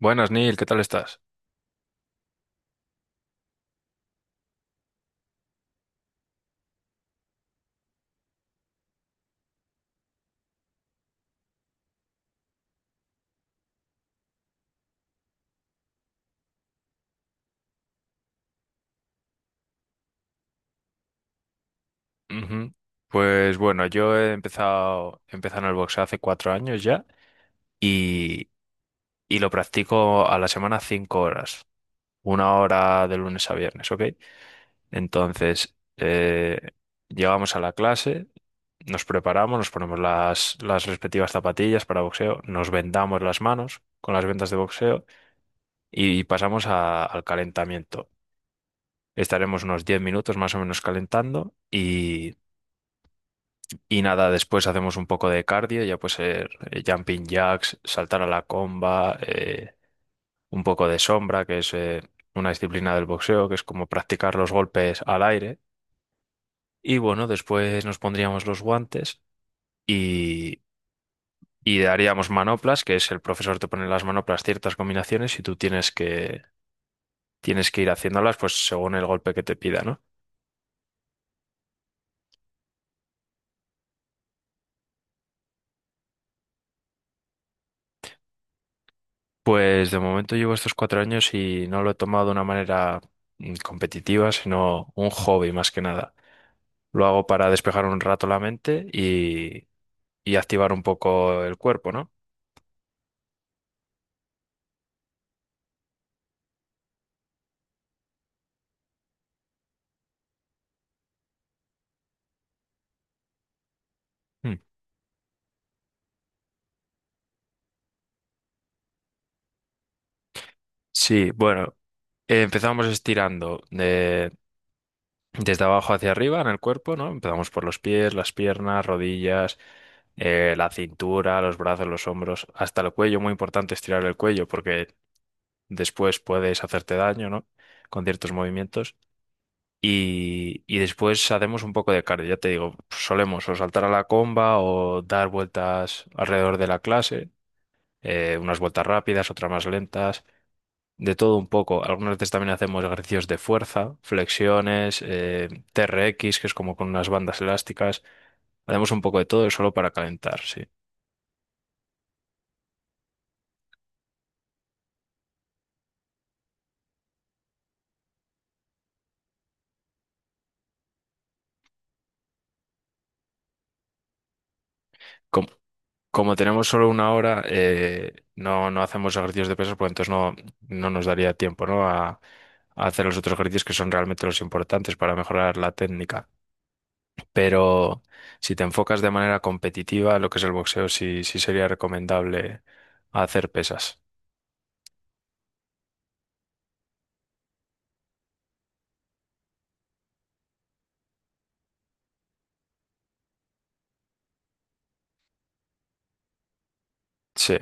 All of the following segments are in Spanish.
Buenas, Neil, ¿qué tal estás? Ujú. Pues bueno, yo he empezado en el boxeo hace 4 años ya y, y lo practico a la semana 5 horas, 1 hora de lunes a viernes, ¿ok? Entonces, llegamos a la clase, nos preparamos, nos ponemos las respectivas zapatillas para boxeo, nos vendamos las manos con las vendas de boxeo y pasamos al calentamiento. Estaremos unos 10 minutos más o menos calentando. Y nada, después hacemos un poco de cardio, ya puede ser jumping jacks, saltar a la comba, un poco de sombra, que es una disciplina del boxeo, que es como practicar los golpes al aire. Y bueno, después nos pondríamos los guantes y, y daríamos manoplas, que es el profesor te pone en las manoplas ciertas combinaciones y tú tienes que ir haciéndolas pues según el golpe que te pida, ¿no? Pues de momento llevo estos 4 años y no lo he tomado de una manera competitiva, sino un hobby más que nada. Lo hago para despejar un rato la mente y activar un poco el cuerpo, ¿no? Mm. Sí, bueno, empezamos estirando desde abajo hacia arriba en el cuerpo, ¿no? Empezamos por los pies, las piernas, rodillas, la cintura, los brazos, los hombros, hasta el cuello. Muy importante estirar el cuello porque después puedes hacerte daño, ¿no? Con ciertos movimientos. Y después hacemos un poco de cardio. Ya te digo, solemos o saltar a la comba o dar vueltas alrededor de la clase, unas vueltas rápidas, otras más lentas, de todo un poco. Algunas veces también hacemos ejercicios de fuerza, flexiones, TRX, que es como con unas bandas elásticas. Hacemos un poco de todo solo para calentar, sí. Com- Como tenemos solo una hora, no hacemos ejercicios de pesas, pues entonces no nos daría tiempo, ¿no?, a hacer los otros ejercicios que son realmente los importantes para mejorar la técnica. Pero si te enfocas de manera competitiva, lo que es el boxeo, sí, sí sería recomendable hacer pesas. Sí,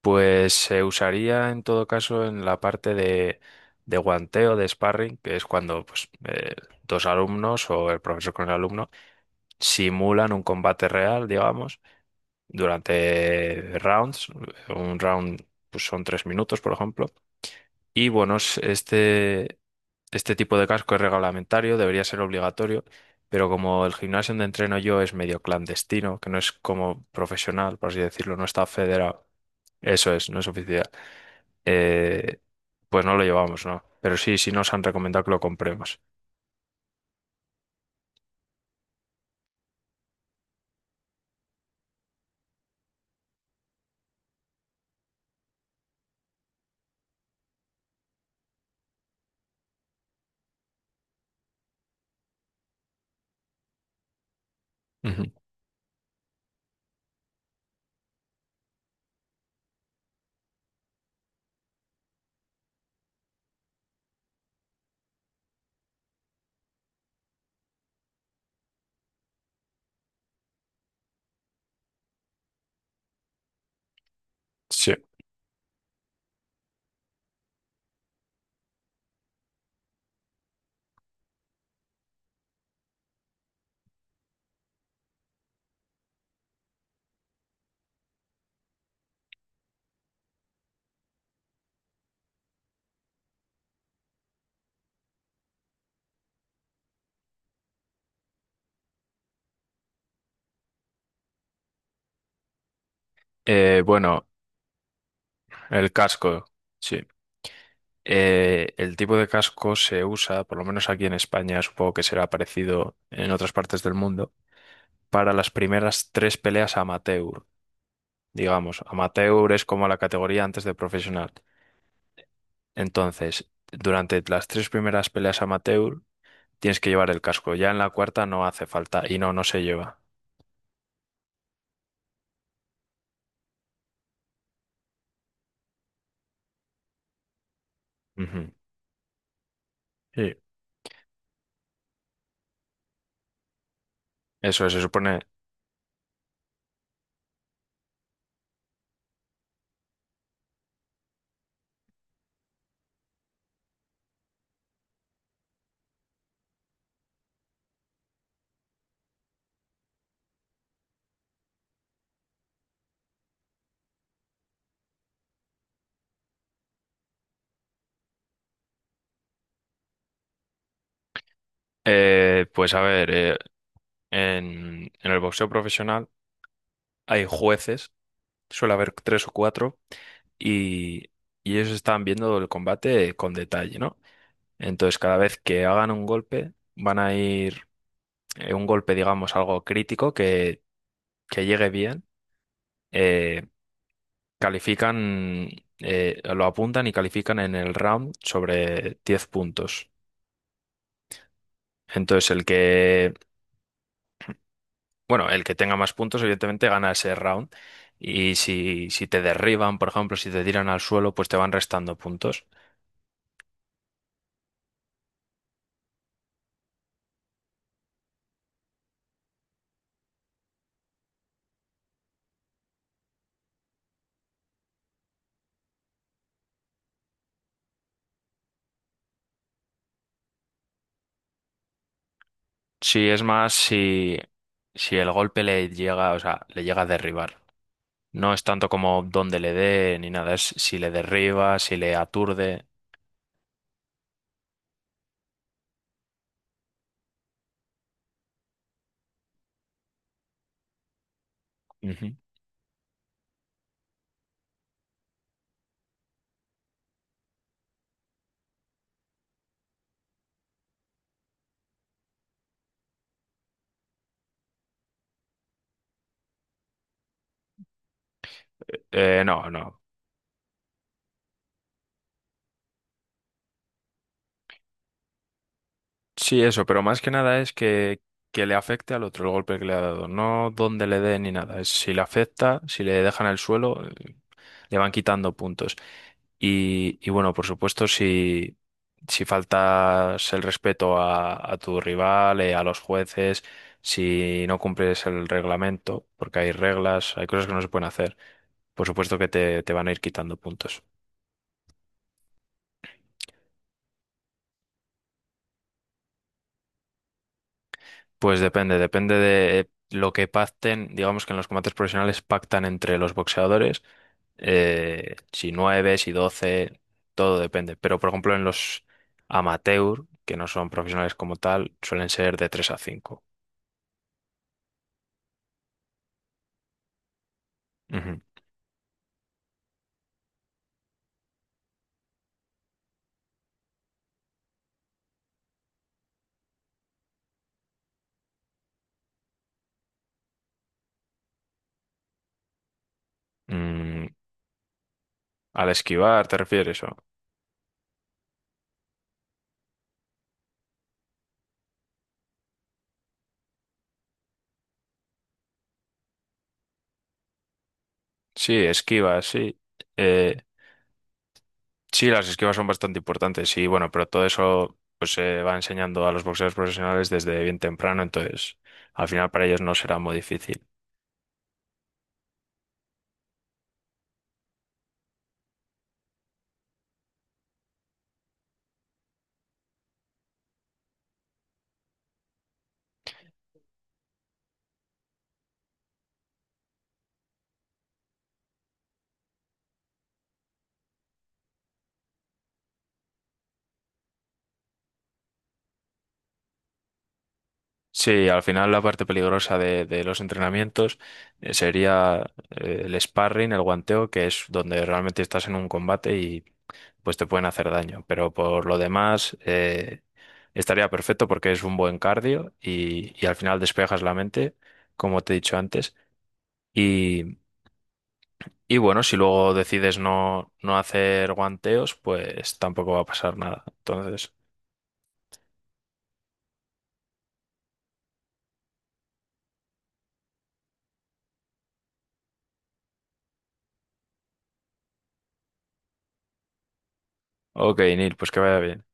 pues se usaría en todo caso en la parte de guanteo, de sparring, que es cuando pues, dos alumnos o el profesor con el alumno simulan un combate real, digamos, durante rounds. Un round pues, son 3 minutos, por ejemplo. Y bueno, este tipo de casco es reglamentario, debería ser obligatorio, pero como el gimnasio donde entreno yo es medio clandestino, que no es como profesional, por así decirlo, no está federado, eso es, no es oficial, eh, pues no lo llevamos, ¿no? Pero sí, sí nos han recomendado que lo compremos. Ujú. Sí. Bueno, el casco, sí. El tipo de casco se usa, por lo menos aquí en España, supongo que será parecido en otras partes del mundo, para las primeras tres peleas amateur. Digamos, amateur es como la categoría antes de profesional. Entonces, durante las tres primeras peleas amateur tienes que llevar el casco. Ya en la cuarta no hace falta y no, no se lleva. Ujú. Sí. Eso se supone. Pues a ver, en, el boxeo profesional hay jueces, suele haber tres o cuatro, y, y ellos están viendo el combate con detalle, ¿no? Entonces, cada vez que hagan un golpe, van a ir un golpe, digamos, algo crítico que llegue bien, eh, califican, lo apuntan y califican en el round sobre 10 puntos. Entonces, el que, bueno, el que tenga más puntos, evidentemente, gana ese round. Y si te derriban, por ejemplo, si te tiran al suelo, pues te van restando puntos. Si es más, si el golpe le llega, o sea, le llega a derribar. No es tanto como dónde le dé ni nada, es si le derriba, si le aturde. No, no. Sí, eso, pero más que nada es que le afecte al otro el golpe que le ha dado, no dónde le dé ni nada. Es si le afecta, si le dejan el suelo, le van quitando puntos. Y bueno, por supuesto, si faltas el respeto a tu rival, a los jueces, si no cumples el reglamento, porque hay reglas, hay cosas que no se pueden hacer, por supuesto que te van a ir quitando puntos. Pues depende, depende de lo que pacten. Digamos que en los combates profesionales pactan entre los boxeadores, si 9, si 12, todo depende. Pero por ejemplo en los amateur, que no son profesionales como tal, suelen ser de 3 a 5. Ujú. Mm, al esquivar, ¿te refieres? ¿O? Sí, esquivas, sí. Eh, sí, las esquivas son bastante importantes, sí, bueno, pero todo eso pues se va enseñando a los boxeadores profesionales desde bien temprano, entonces al final para ellos no será muy difícil. Sí, al final la parte peligrosa de los entrenamientos sería el sparring, el guanteo, que es donde realmente estás en un combate y pues te pueden hacer daño. Pero por lo demás estaría perfecto porque es un buen cardio y al final despejas la mente, como te he dicho antes. Y, y bueno, si luego decides no hacer guanteos, pues tampoco va a pasar nada. Entonces, ok, Neil, pues que vaya bien.